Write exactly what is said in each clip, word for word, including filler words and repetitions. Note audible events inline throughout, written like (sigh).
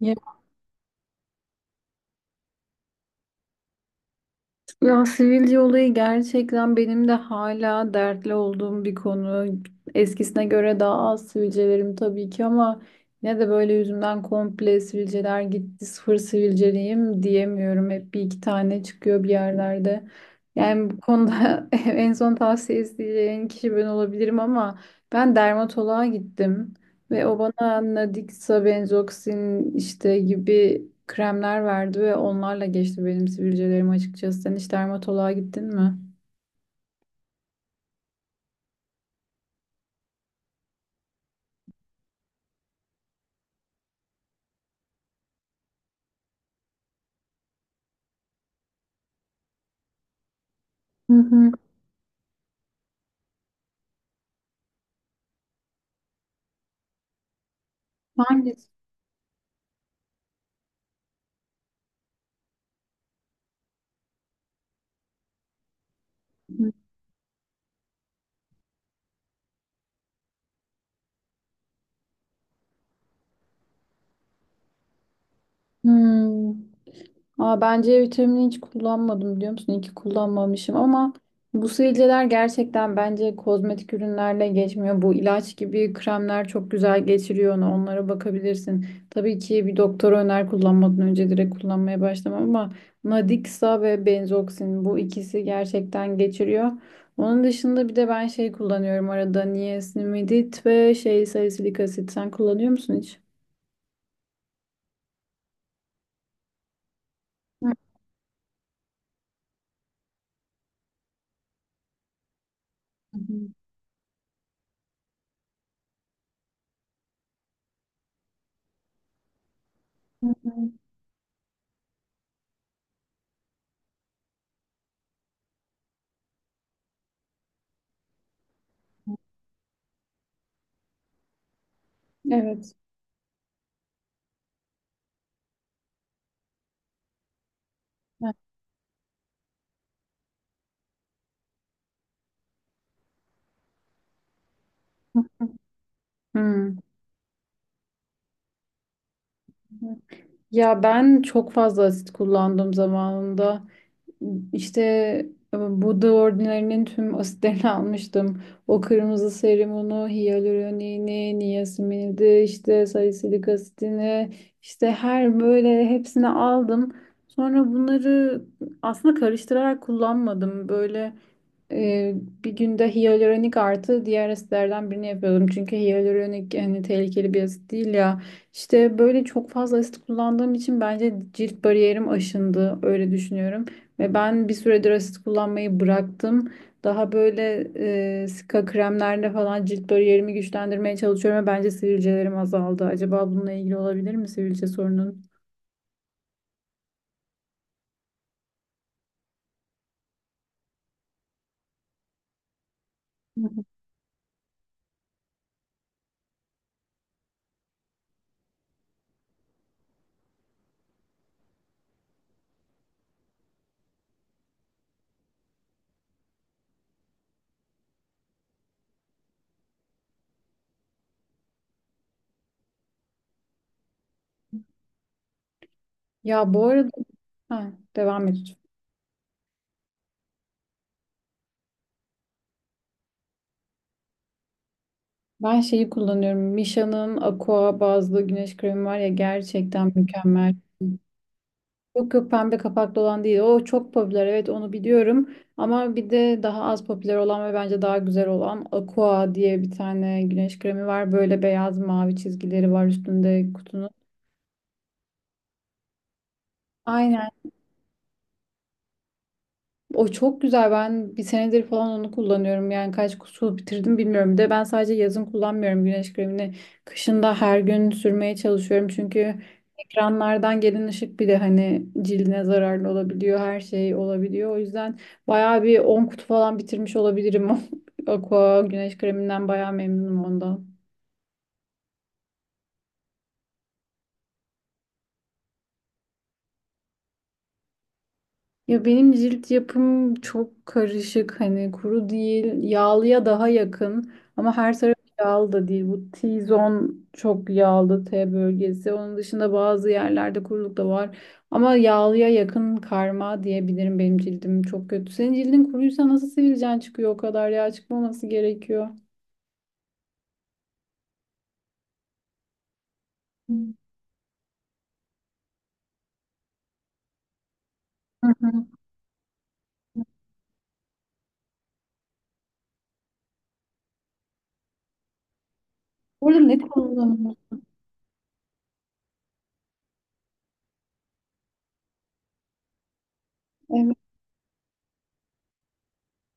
Ya, ya sivilce olayı gerçekten benim de hala dertli olduğum bir konu. Eskisine göre daha az sivilcelerim tabii ki ama ne de böyle yüzümden komple sivilceler gitti, sıfır sivilceliyim diyemiyorum. Hep bir iki tane çıkıyor bir yerlerde. Yani bu konuda (laughs) en son tavsiye isteyeceğin kişi ben olabilirim ama ben dermatoloğa gittim. Ve o bana Nadixa, Benzoxin işte gibi kremler verdi ve onlarla geçti benim sivilcelerim açıkçası. Sen hiç dermatoloğa gittin mi? Hı hı. Hangisi? Hmm. Aa, ben C vitamini hiç kullanmadım biliyor musun? İyi ki kullanmamışım ama bu sivilceler gerçekten bence kozmetik ürünlerle geçmiyor. Bu ilaç gibi kremler çok güzel geçiriyor onu. Onlara bakabilirsin. Tabii ki bir doktor öner kullanmadan önce direkt kullanmaya başlamam ama Nadixa ve Benzoxin bu ikisi gerçekten geçiriyor. Onun dışında bir de ben şey kullanıyorum arada niacinamid ve şey salisilik asit. Sen kullanıyor musun hiç? Hı hı. Hı hı. Evet. Hı hı. Hmm. Ya ben çok fazla asit kullandım zamanında. İşte e, Buda Ordinary'nin tüm asitlerini (laughs) almıştım. O kırmızı serumunu, hyaluronini, niasinimidi, işte salisilik asitini, işte her böyle hepsini aldım. Sonra bunları aslında karıştırarak kullanmadım. Böyle e, bir günde hyaluronik artı diğer asitlerden birini yapıyordum. Çünkü hyaluronik hani tehlikeli bir asit değil ya. İşte böyle çok fazla asit kullandığım için bence cilt bariyerim aşındı. Öyle düşünüyorum. Ve ben bir süredir asit kullanmayı bıraktım. Daha böyle e, sika kremlerle falan cilt bariyerimi güçlendirmeye çalışıyorum ve bence sivilcelerim azaldı. Acaba bununla ilgili olabilir mi sivilce sorunun? Hı hı. Ya bu arada ha, devam et. Lütfen. Ben şeyi kullanıyorum. Misha'nın Aqua bazlı güneş kremi var ya gerçekten mükemmel. Yok yok pembe kapaklı olan değil. O çok popüler, evet onu biliyorum. Ama bir de daha az popüler olan ve bence daha güzel olan Aqua diye bir tane güneş kremi var. Böyle beyaz mavi çizgileri var üstünde kutunun. Aynen. O çok güzel. Ben bir senedir falan onu kullanıyorum. Yani kaç kutu bitirdim bilmiyorum. Bir de ben sadece yazın kullanmıyorum güneş kremini. Kışın da her gün sürmeye çalışıyorum. Çünkü ekranlardan gelen ışık bir de hani cildine zararlı olabiliyor. Her şey olabiliyor. O yüzden bayağı bir on kutu falan bitirmiş olabilirim. (laughs) Aqua güneş kreminden bayağı memnunum ondan. Ya benim cilt yapım çok karışık, hani kuru değil yağlıya daha yakın ama her taraf yağlı da değil, bu T-zone çok yağlı, T bölgesi. Onun dışında bazı yerlerde kuruluk da var ama yağlıya yakın karma diyebilirim benim cildim. Çok kötü, senin cildin kuruysa nasıl sivilcen çıkıyor? O kadar yağ çıkmaması gerekiyor. Hı hı. Burada ne kullanıyorsun?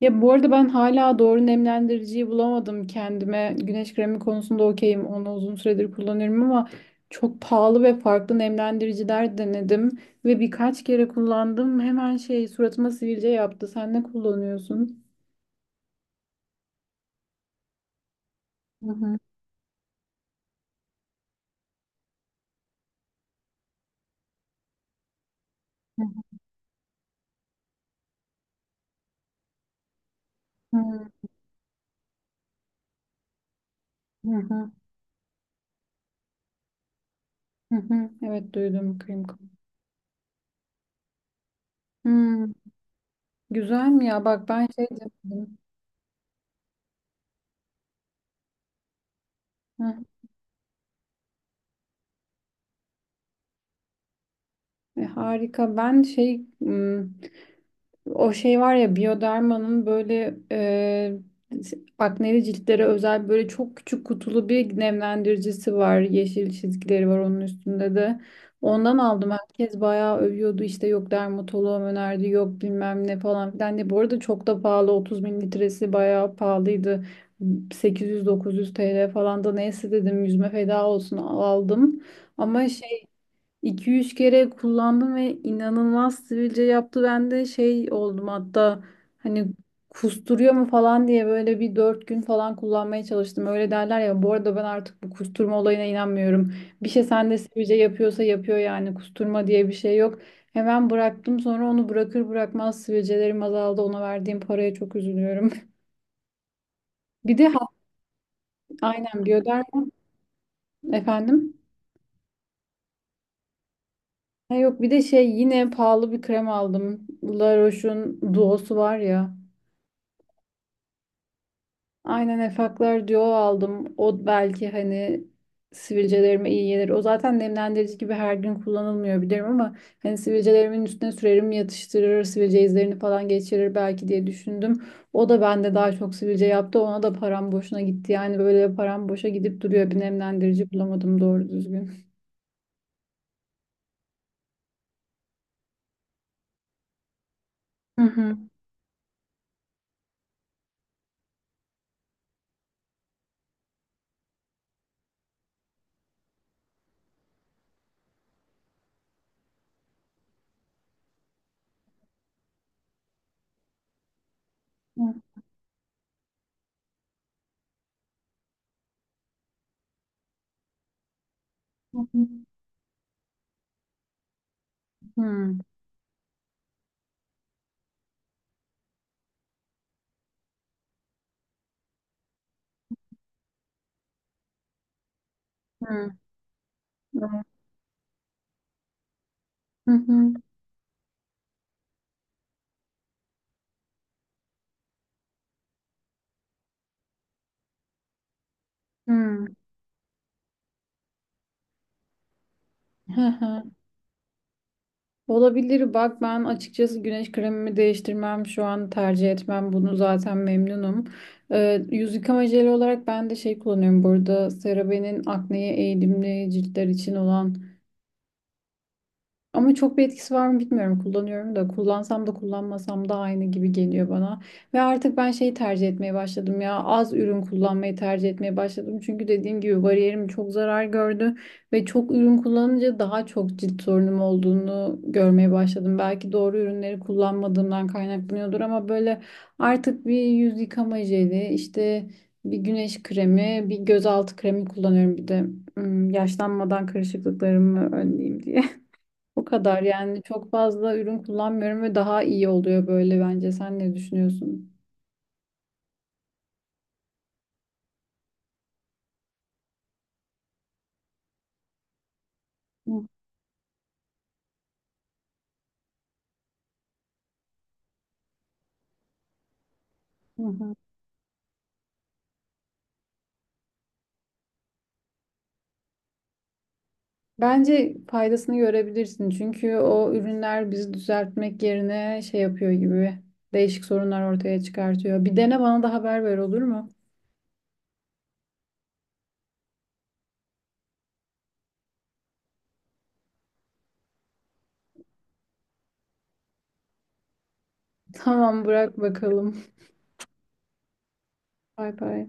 Ya bu arada ben hala doğru nemlendiriciyi bulamadım kendime. Güneş kremi konusunda okeyim. Onu uzun süredir kullanıyorum ama çok pahalı ve farklı nemlendiriciler denedim. Ve birkaç kere kullandım. Hemen şey suratıma sivilce yaptı. Sen ne kullanıyorsun? Hı hı, hı hı, hı hı, hı hı. Evet duydum krem. Hmm, güzel mi ya? Bak ben şey denedim. Heh, e, harika. Ben şey hmm, o şey var ya Bioderma'nın böyle e, akneli ciltlere özel böyle çok küçük kutulu bir nemlendiricisi var. Yeşil çizgileri var onun üstünde de. Ondan aldım. Herkes bayağı övüyordu. İşte yok dermatoloğum önerdi, yok bilmem ne falan filan diye. Bu arada çok da pahalı. otuz mililitresi bayağı pahalıydı. sekiz yüz dokuz yüz T L falan. Da neyse dedim yüzme feda olsun aldım. Ama şey iki üç kere kullandım ve inanılmaz sivilce yaptı. Ben de şey oldum hatta, hani kusturuyor mu falan diye böyle bir dört gün falan kullanmaya çalıştım. Öyle derler ya, bu arada ben artık bu kusturma olayına inanmıyorum. Bir şey sende sivilce yapıyorsa yapıyor, yani kusturma diye bir şey yok. Hemen bıraktım sonra, onu bırakır bırakmaz sivilcelerim azaldı. Ona verdiğim paraya çok üzülüyorum. (laughs) Bir de ha- aynen Bioderma. Efendim. Ha yok, bir de şey yine pahalı bir krem aldım. La Roche'un duosu var ya. Aynen Efaklar Duo aldım. O belki hani sivilcelerime iyi gelir. O zaten nemlendirici gibi her gün kullanılmıyor bilirim ama hani sivilcelerimin üstüne sürerim yatıştırır, sivilce izlerini falan geçirir belki diye düşündüm. O da bende daha çok sivilce yaptı. Ona da param boşuna gitti. Yani böyle param boşa gidip duruyor. Bir nemlendirici bulamadım doğru düzgün. Hı hı. Hı hı. Hı hı. Hı hı. Hı hı. Hı hı. Olabilir. Bak ben açıkçası güneş kremimi değiştirmem. Şu an tercih etmem. Bunu zaten memnunum. Ee, yüz yıkama jeli olarak ben de şey kullanıyorum. Burada CeraVe'nin akneye eğilimli ciltler için olan, ama çok bir etkisi var mı bilmiyorum. Kullanıyorum da, kullansam da kullanmasam da aynı gibi geliyor bana. Ve artık ben şeyi tercih etmeye başladım ya. Az ürün kullanmayı tercih etmeye başladım. Çünkü dediğim gibi bariyerim çok zarar gördü. Ve çok ürün kullanınca daha çok cilt sorunum olduğunu görmeye başladım. Belki doğru ürünleri kullanmadığımdan kaynaklanıyordur ama böyle artık bir yüz yıkama jeli, işte bir güneş kremi, bir gözaltı kremi kullanıyorum bir de. Hmm, yaşlanmadan kırışıklıklarımı önleyeyim diye. O kadar, yani çok fazla ürün kullanmıyorum ve daha iyi oluyor böyle bence. Sen ne düşünüyorsun? (laughs) Hı hı. Bence faydasını görebilirsin çünkü o ürünler bizi düzeltmek yerine şey yapıyor gibi, değişik sorunlar ortaya çıkartıyor. Bir dene bana da haber ver, olur mu? (laughs) Tamam, bırak bakalım. Bay bay.